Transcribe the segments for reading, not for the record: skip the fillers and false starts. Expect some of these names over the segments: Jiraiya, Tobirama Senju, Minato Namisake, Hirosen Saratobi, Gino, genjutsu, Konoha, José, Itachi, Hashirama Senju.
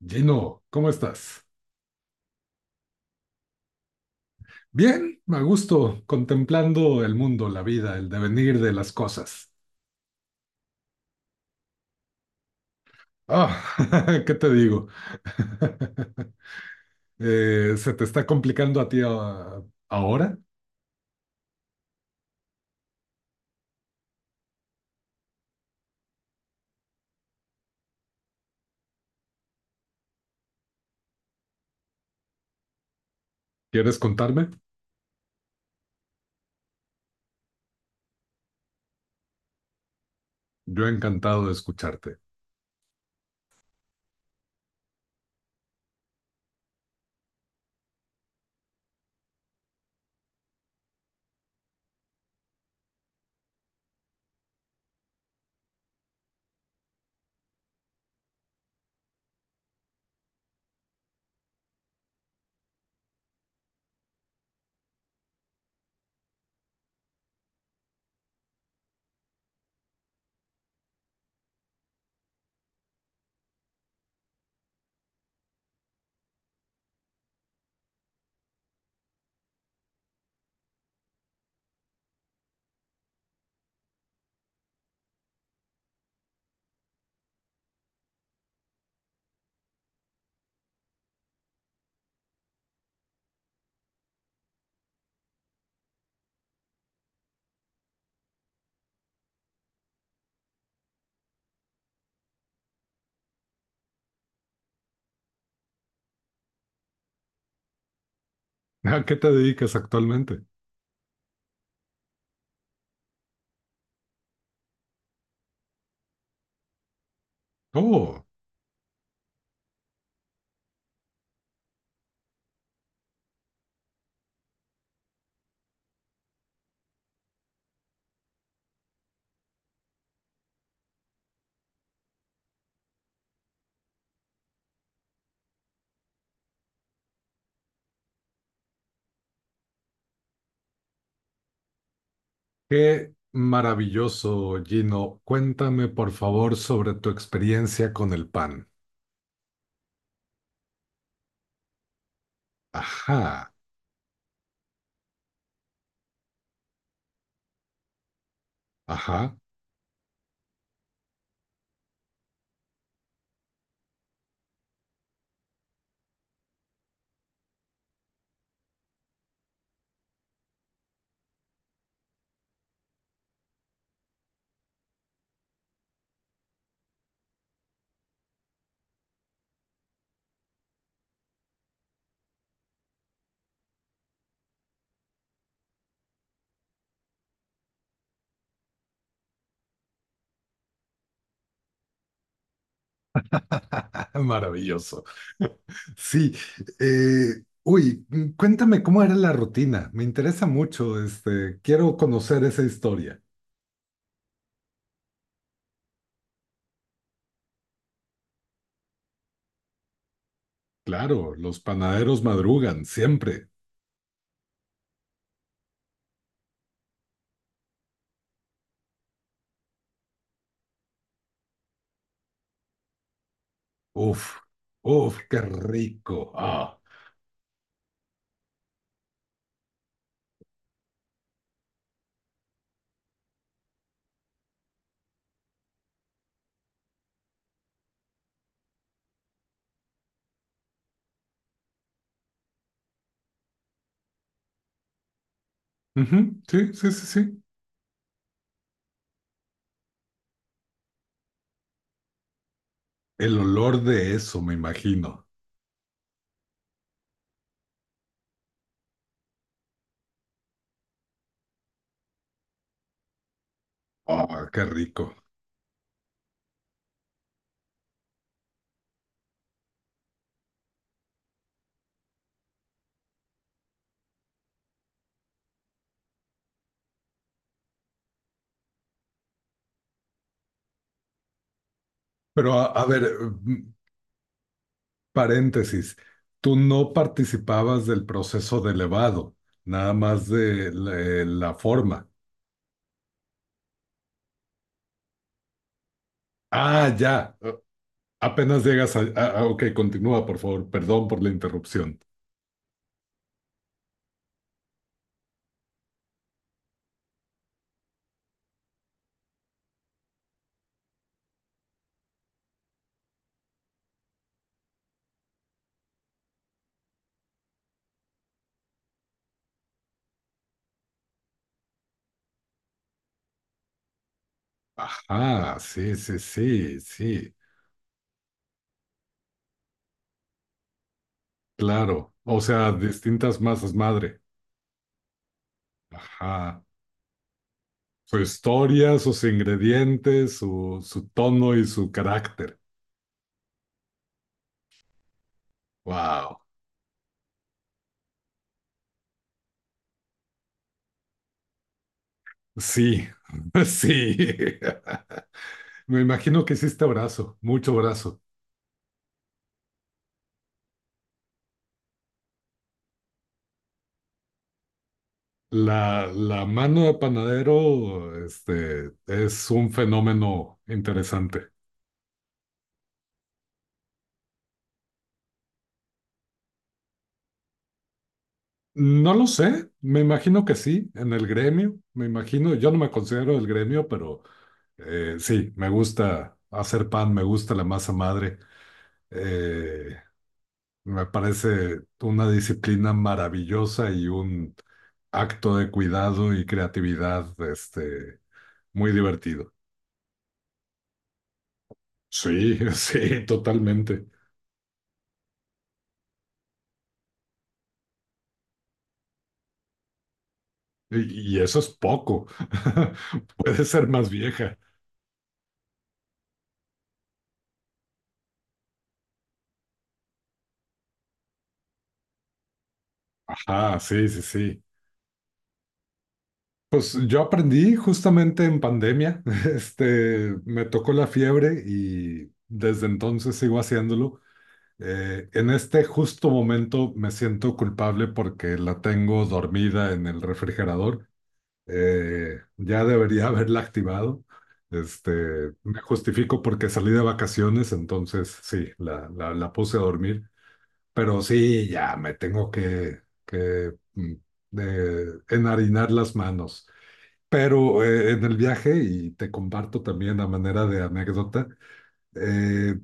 Gino, ¿cómo estás? Bien, a gusto, contemplando el mundo, la vida, el devenir de las cosas. Ah, ¿qué te digo? ¿Se te está complicando a ti ahora? ¿Quieres contarme? Yo encantado de escucharte. ¿A qué te dedicas actualmente? Oh, qué maravilloso, Gino. Cuéntame, por favor, sobre tu experiencia con el pan. Ajá, ajá, maravilloso. Sí, cuéntame cómo era la rutina. Me interesa mucho, este, quiero conocer esa historia. Claro, los panaderos madrugan siempre. Uf, uf, qué rico. Ah. Ujú, sí, sí, sí, sí. El olor de eso, me imagino. Ah, qué rico. Pero a ver, mm, paréntesis, tú no participabas del proceso de elevado, nada más de la forma. Ah, ya. Apenas llegas Ok, continúa, por favor. Perdón por la interrupción. Ajá, sí, sí, sí, sí. Claro. O sea, distintas masas madre. Ajá. Su historia, sus ingredientes, su tono y su carácter. Wow. Sí, sí. Me imagino que hiciste brazo, mucho brazo. La mano de panadero, este, es un fenómeno interesante. No lo sé, me imagino que sí, en el gremio, me imagino, yo no me considero del gremio, pero sí, me gusta hacer pan, me gusta la masa madre, eh, me parece una disciplina maravillosa y un acto de cuidado y creatividad, este, muy divertido. Sí, sí, totalmente. Y eso es poco, puede ser más vieja. Ajá, sí, sí, sí. Pues yo aprendí justamente en pandemia, este, me tocó la fiebre y desde entonces sigo haciéndolo. En este justo momento me siento culpable porque la tengo dormida en el refrigerador. Ya debería haberla activado. Este, me justifico porque salí de vacaciones, entonces sí, la puse a dormir. Pero sí, ya me tengo que eh, enharinar las manos. Pero en el viaje, y te comparto también a manera de anécdota, eh,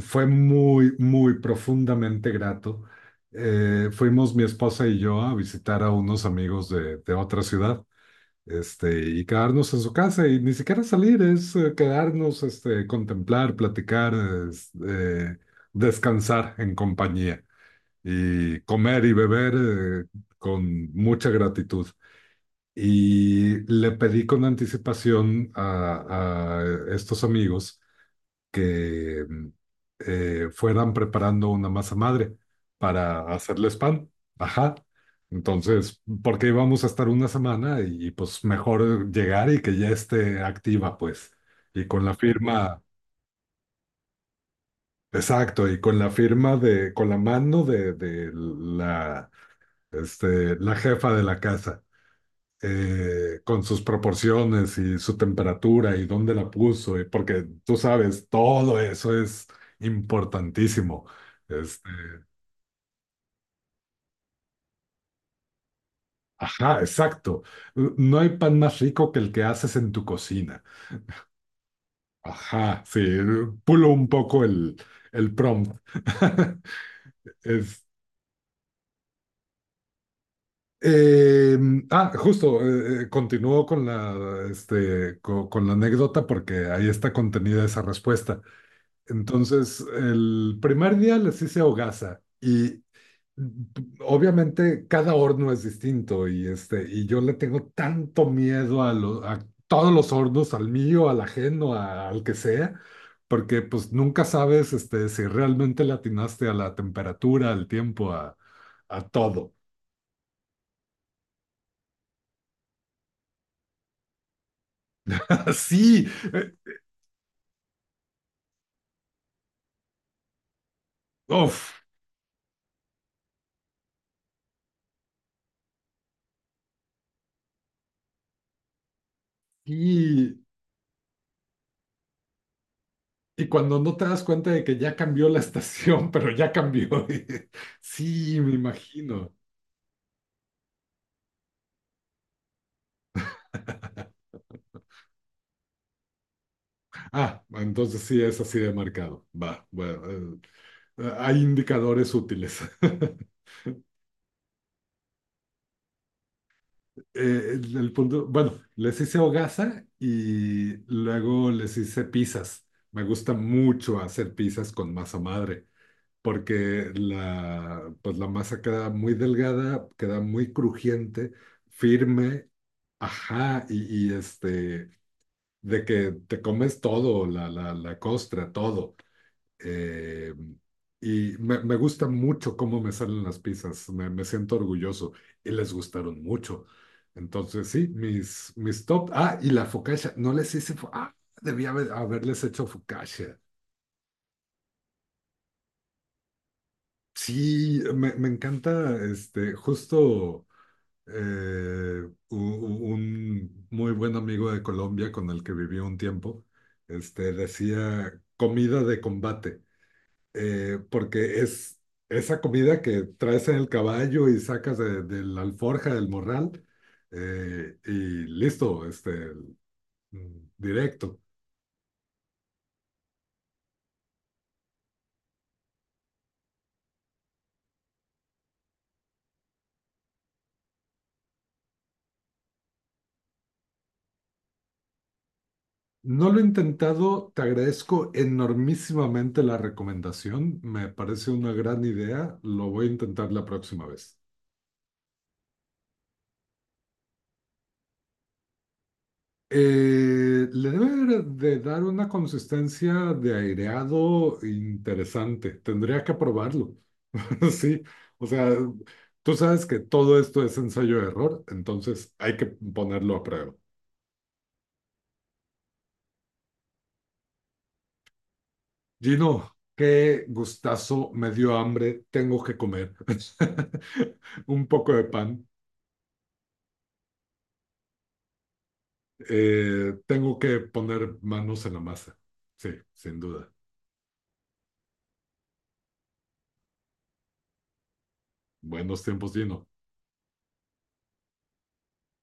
fue muy profundamente grato. Fuimos mi esposa y yo a visitar a unos amigos de otra ciudad, este, y quedarnos en su casa, y ni siquiera salir, es quedarnos, este, contemplar, platicar, es- eh, descansar en compañía y comer y beber con mucha gratitud. Y le pedí con anticipación a estos amigos que fueran preparando una masa madre para hacerles pan. Ajá. Entonces, porque íbamos a estar una semana y, pues mejor llegar y que ya esté activa, pues. Y con la firma, exacto, y con la firma con la mano de la, este, la jefa de la casa. Eh, con sus proporciones y su temperatura y dónde la puso, y porque tú sabes, todo eso es importantísimo. Este, ajá, exacto. No hay pan más rico que el que haces en tu cocina. Ajá, sí, pulo un poco el prompt. Es- eh, Justo, continúo con la, este, con la anécdota porque ahí está contenida esa respuesta. Entonces, el primer día les hice hogaza y obviamente cada horno es distinto y, este, y yo le tengo tanto miedo a todos los hornos, al mío, al ajeno, al que sea, porque pues nunca sabes este, si realmente le atinaste a la temperatura, al tiempo, a todo. Sí eh, uf, y, y cuando no te das cuenta de que ya cambió la estación, pero ya cambió. Sí, me imagino. Ah, entonces sí es así de marcado. Va, bueno, hay indicadores útiles. El punto, bueno, les hice hogaza y luego les hice pizzas. Me gusta mucho hacer pizzas con masa madre, porque la, pues la masa queda muy delgada, queda muy crujiente, firme, ajá, y este, de que te comes todo, la costra, todo. Eh, y me gusta mucho cómo me salen las pizzas, me siento orgulloso y les gustaron mucho. Entonces, sí, mis top. Ah, y la focaccia, no les hice. Ah, haberles hecho focaccia. Sí, me encanta este, justo eh, un muy buen amigo de Colombia con el que viví un tiempo, este, decía comida de combate. Porque es esa comida que traes en el caballo y sacas de la alforja del morral y listo, este, directo. No lo he intentado, te agradezco enormísimamente la recomendación, me parece una gran idea, lo voy a intentar la próxima vez. Le debe de dar una consistencia de aireado interesante. Tendría que probarlo. Sí, o sea, tú sabes que todo esto es ensayo-error, entonces hay que ponerlo a prueba. Gino, qué gustazo, me dio hambre, tengo que comer. Un poco de pan, tengo que poner manos en la masa. Sí, sin duda. Buenos tiempos, Gino.